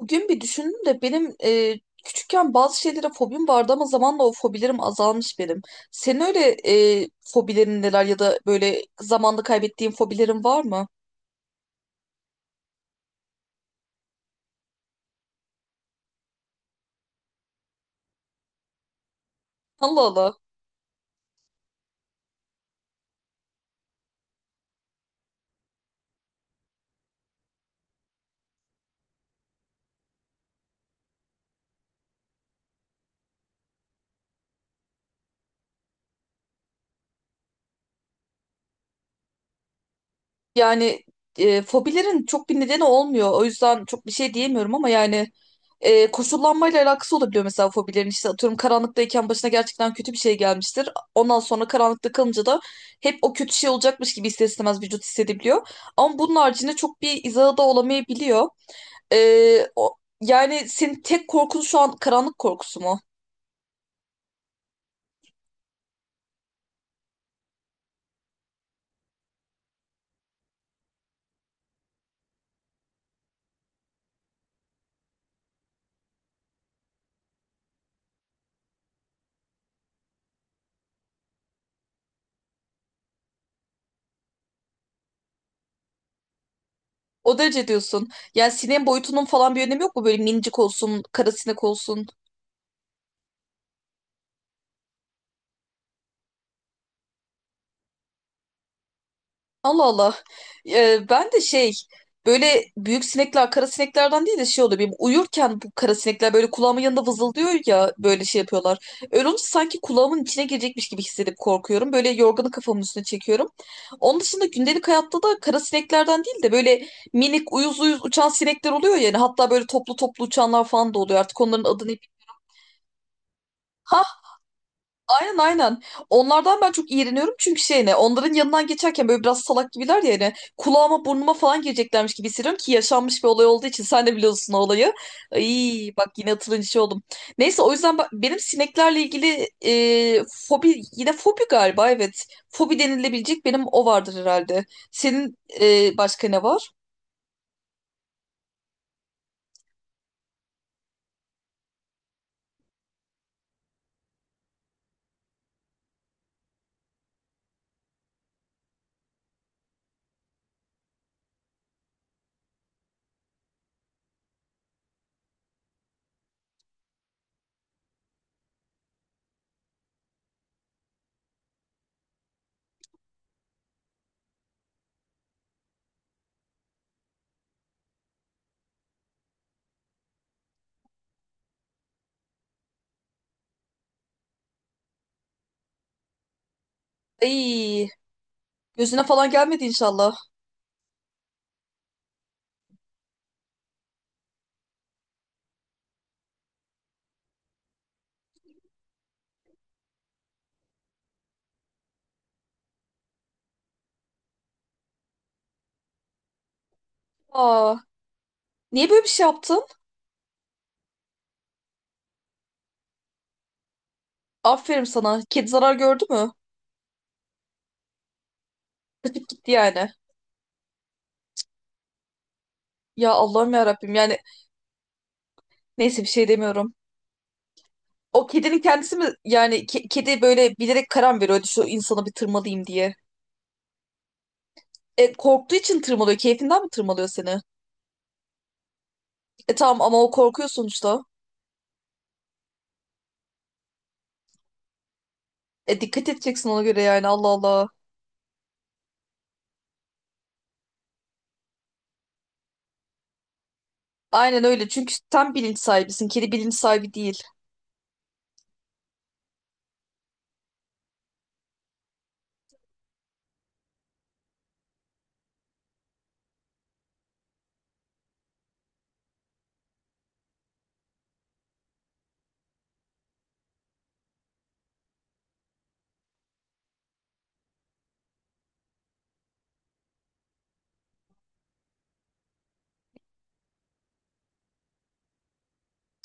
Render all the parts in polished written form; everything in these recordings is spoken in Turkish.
Bugün bir düşündüm de benim küçükken bazı şeylere fobim vardı ama zamanla o fobilerim azalmış benim. Senin öyle fobilerin neler ya da böyle zamanla kaybettiğin fobilerin var mı? Allah Allah. Yani fobilerin çok bir nedeni olmuyor. O yüzden çok bir şey diyemiyorum ama yani koşullanmayla alakası olabiliyor mesela fobilerin. İşte atıyorum karanlıktayken başına gerçekten kötü bir şey gelmiştir. Ondan sonra karanlıkta kalınca da hep o kötü şey olacakmış gibi ister istemez vücut hissedebiliyor. Ama bunun haricinde çok bir izahı da olamayabiliyor. Yani senin tek korkun şu an karanlık korkusu mu? O derece diyorsun. Yani sineğin boyutunun falan bir önemi yok mu? Böyle minicik olsun, kara sinek olsun. Allah Allah. Ben de şey böyle büyük sinekler kara sineklerden değil de şey oluyor. Benim uyurken bu kara sinekler böyle kulağımın yanında vızıldıyor ya böyle şey yapıyorlar. Öyle olunca sanki kulağımın içine girecekmiş gibi hissedip korkuyorum. Böyle yorganı kafamın üstüne çekiyorum. Onun dışında gündelik hayatta da kara sineklerden değil de böyle minik uyuz uyuz uçan sinekler oluyor yani. Hatta böyle toplu toplu uçanlar falan da oluyor. Artık onların adını... Aynen aynen. Onlardan ben çok iğreniyorum çünkü şey ne onların yanından geçerken böyle biraz salak gibiler ya hani kulağıma burnuma falan gireceklermiş gibi hissediyorum ki yaşanmış bir olay olduğu için sen de biliyorsun o olayı. Ay bak yine hatırlayınca şey oldum. Neyse o yüzden benim sineklerle ilgili fobi yine fobi galiba evet. Fobi denilebilecek benim o vardır herhalde. Senin başka ne var? Ay. Gözüne falan gelmedi inşallah. Aa, niye böyle bir şey yaptın? Aferin sana. Kedi zarar gördü mü? Kaçıp gitti yani. Ya Allah'ım ya Rabbim yani neyse bir şey demiyorum. O kedinin kendisi mi yani kedi böyle bilerek karar mı veriyordu şu insanı bir tırmalayayım diye. E, korktuğu için tırmalıyor. Keyfinden mi tırmalıyor seni? E tamam ama o korkuyor sonuçta. E dikkat edeceksin ona göre yani Allah Allah. Aynen öyle çünkü sen bilinç sahibisin. Kedi bilinç sahibi değil.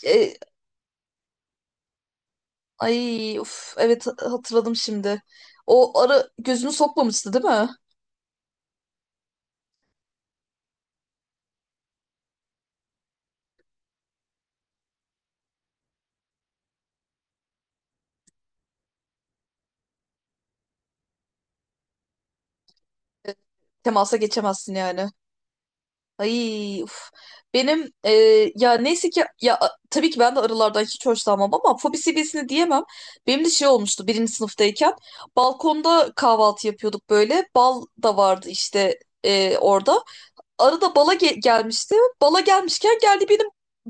E, ay uf evet hatırladım şimdi. O arı gözünü sokmamıştı değil mi? Temasa geçemezsin yani. Ay, uf. Benim ya neyse ki ya tabii ki ben de arılardan hiç hoşlanmam ama fobi seviyesini diyemem. Benim de şey olmuştu birinci sınıftayken balkonda kahvaltı yapıyorduk böyle. Bal da vardı işte orada arada bala gelmişti. Bala gelmişken geldi benim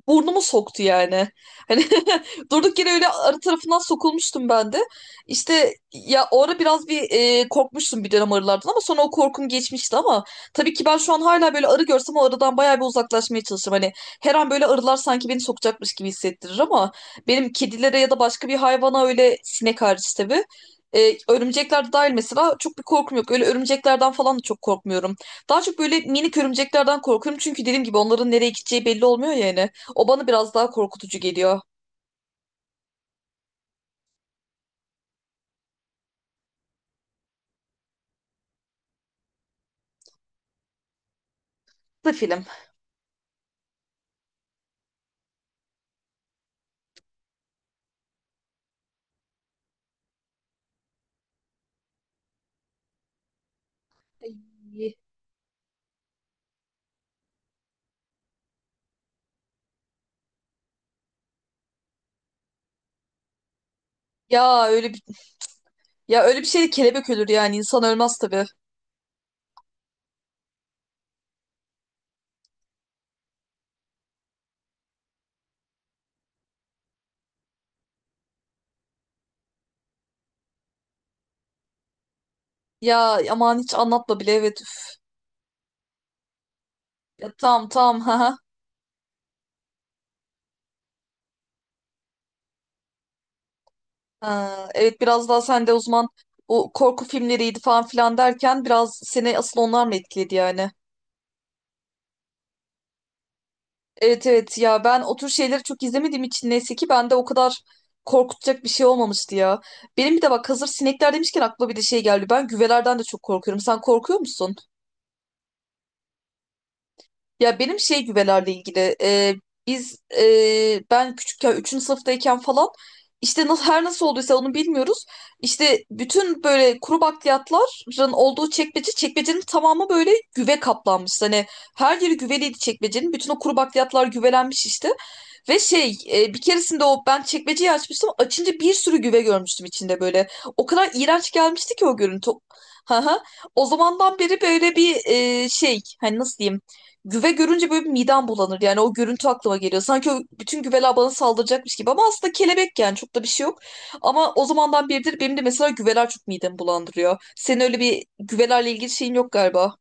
burnumu soktu yani. Hani durduk yere öyle arı tarafından sokulmuştum ben de. İşte ya o ara biraz bir korkmuştum bir dönem arılardan ama sonra o korkum geçmişti ama tabii ki ben şu an hala böyle arı görsem o arıdan bayağı bir uzaklaşmaya çalışırım. Hani her an böyle arılar sanki beni sokacakmış gibi hissettirir ama benim kedilere ya da başka bir hayvana öyle sinek hariç tabii. E, örümcekler de dahil mesela çok bir korkum yok. Öyle örümceklerden falan da çok korkmuyorum. Daha çok böyle minik örümceklerden korkuyorum. Çünkü dediğim gibi onların nereye gideceği belli olmuyor yani. O bana biraz daha korkutucu geliyor. Bu film. Ay. Ya öyle bir ya öyle bir şey kelebek ölür yani insan ölmez tabii. Ya aman hiç anlatma bile evet. Üf. Ya, tamam tamam ha. Ha, evet biraz daha sen de o zaman bu korku filmleriydi falan filan derken biraz seni asıl onlar mı etkiledi yani? Evet evet ya ben o tür şeyleri çok izlemediğim için neyse ki bende o kadar korkutacak bir şey olmamıştı ya. Benim bir de bak hazır sinekler demişken aklıma bir de şey geldi. Ben güvelerden de çok korkuyorum. Sen korkuyor musun? Ya benim şey güvelerle ilgili ben küçükken 3. sınıftayken falan işte nasıl her nasıl olduysa onu bilmiyoruz. İşte bütün böyle kuru bakliyatların olduğu çekmece çekmecenin tamamı böyle güve kaplanmış. Hani her yeri güveliydi çekmecenin. Bütün o kuru bakliyatlar güvelenmiş işte. Ve şey bir keresinde o ben çekmeceyi açmıştım. Açınca bir sürü güve görmüştüm içinde böyle. O kadar iğrenç gelmişti ki o görüntü. Hı hı. O zamandan beri böyle bir şey hani nasıl diyeyim. Güve görünce böyle bir midem bulanır. Yani o görüntü aklıma geliyor. Sanki o bütün güveler bana saldıracakmış gibi. Ama aslında kelebek yani çok da bir şey yok. Ama o zamandan beridir benim de mesela güveler çok midemi bulandırıyor. Senin öyle bir güvelerle ilgili şeyin yok galiba.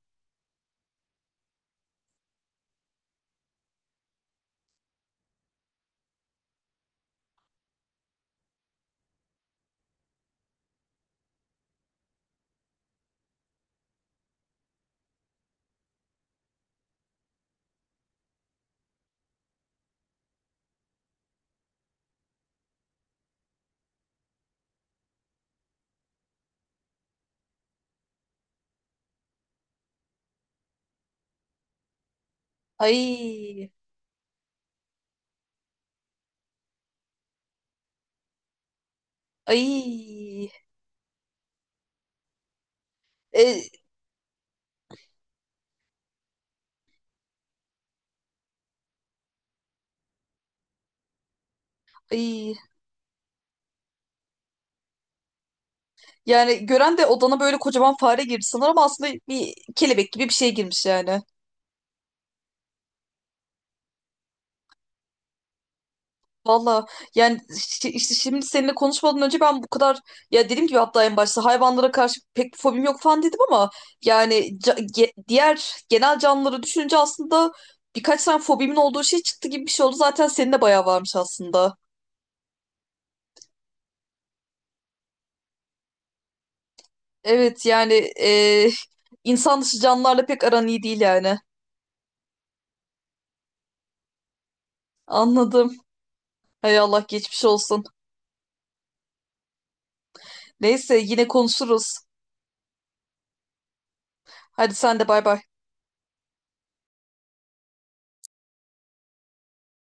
Ay, ay, e, ay. Yani gören de odana böyle kocaman fare girdi sanır ama aslında bir kelebek gibi bir şey girmiş yani. Valla yani işte şimdi seninle konuşmadan önce ben bu kadar ya dediğim gibi hatta en başta hayvanlara karşı pek bir fobim yok falan dedim ama yani diğer genel canlıları düşününce aslında birkaç tane fobimin olduğu şey çıktı gibi bir şey oldu. Zaten senin de bayağı varmış aslında. Evet yani e, insan dışı canlılarla pek aran iyi değil yani. Anladım. Hay Allah geçmiş olsun. Neyse yine konuşuruz. Hadi sen de bay bay.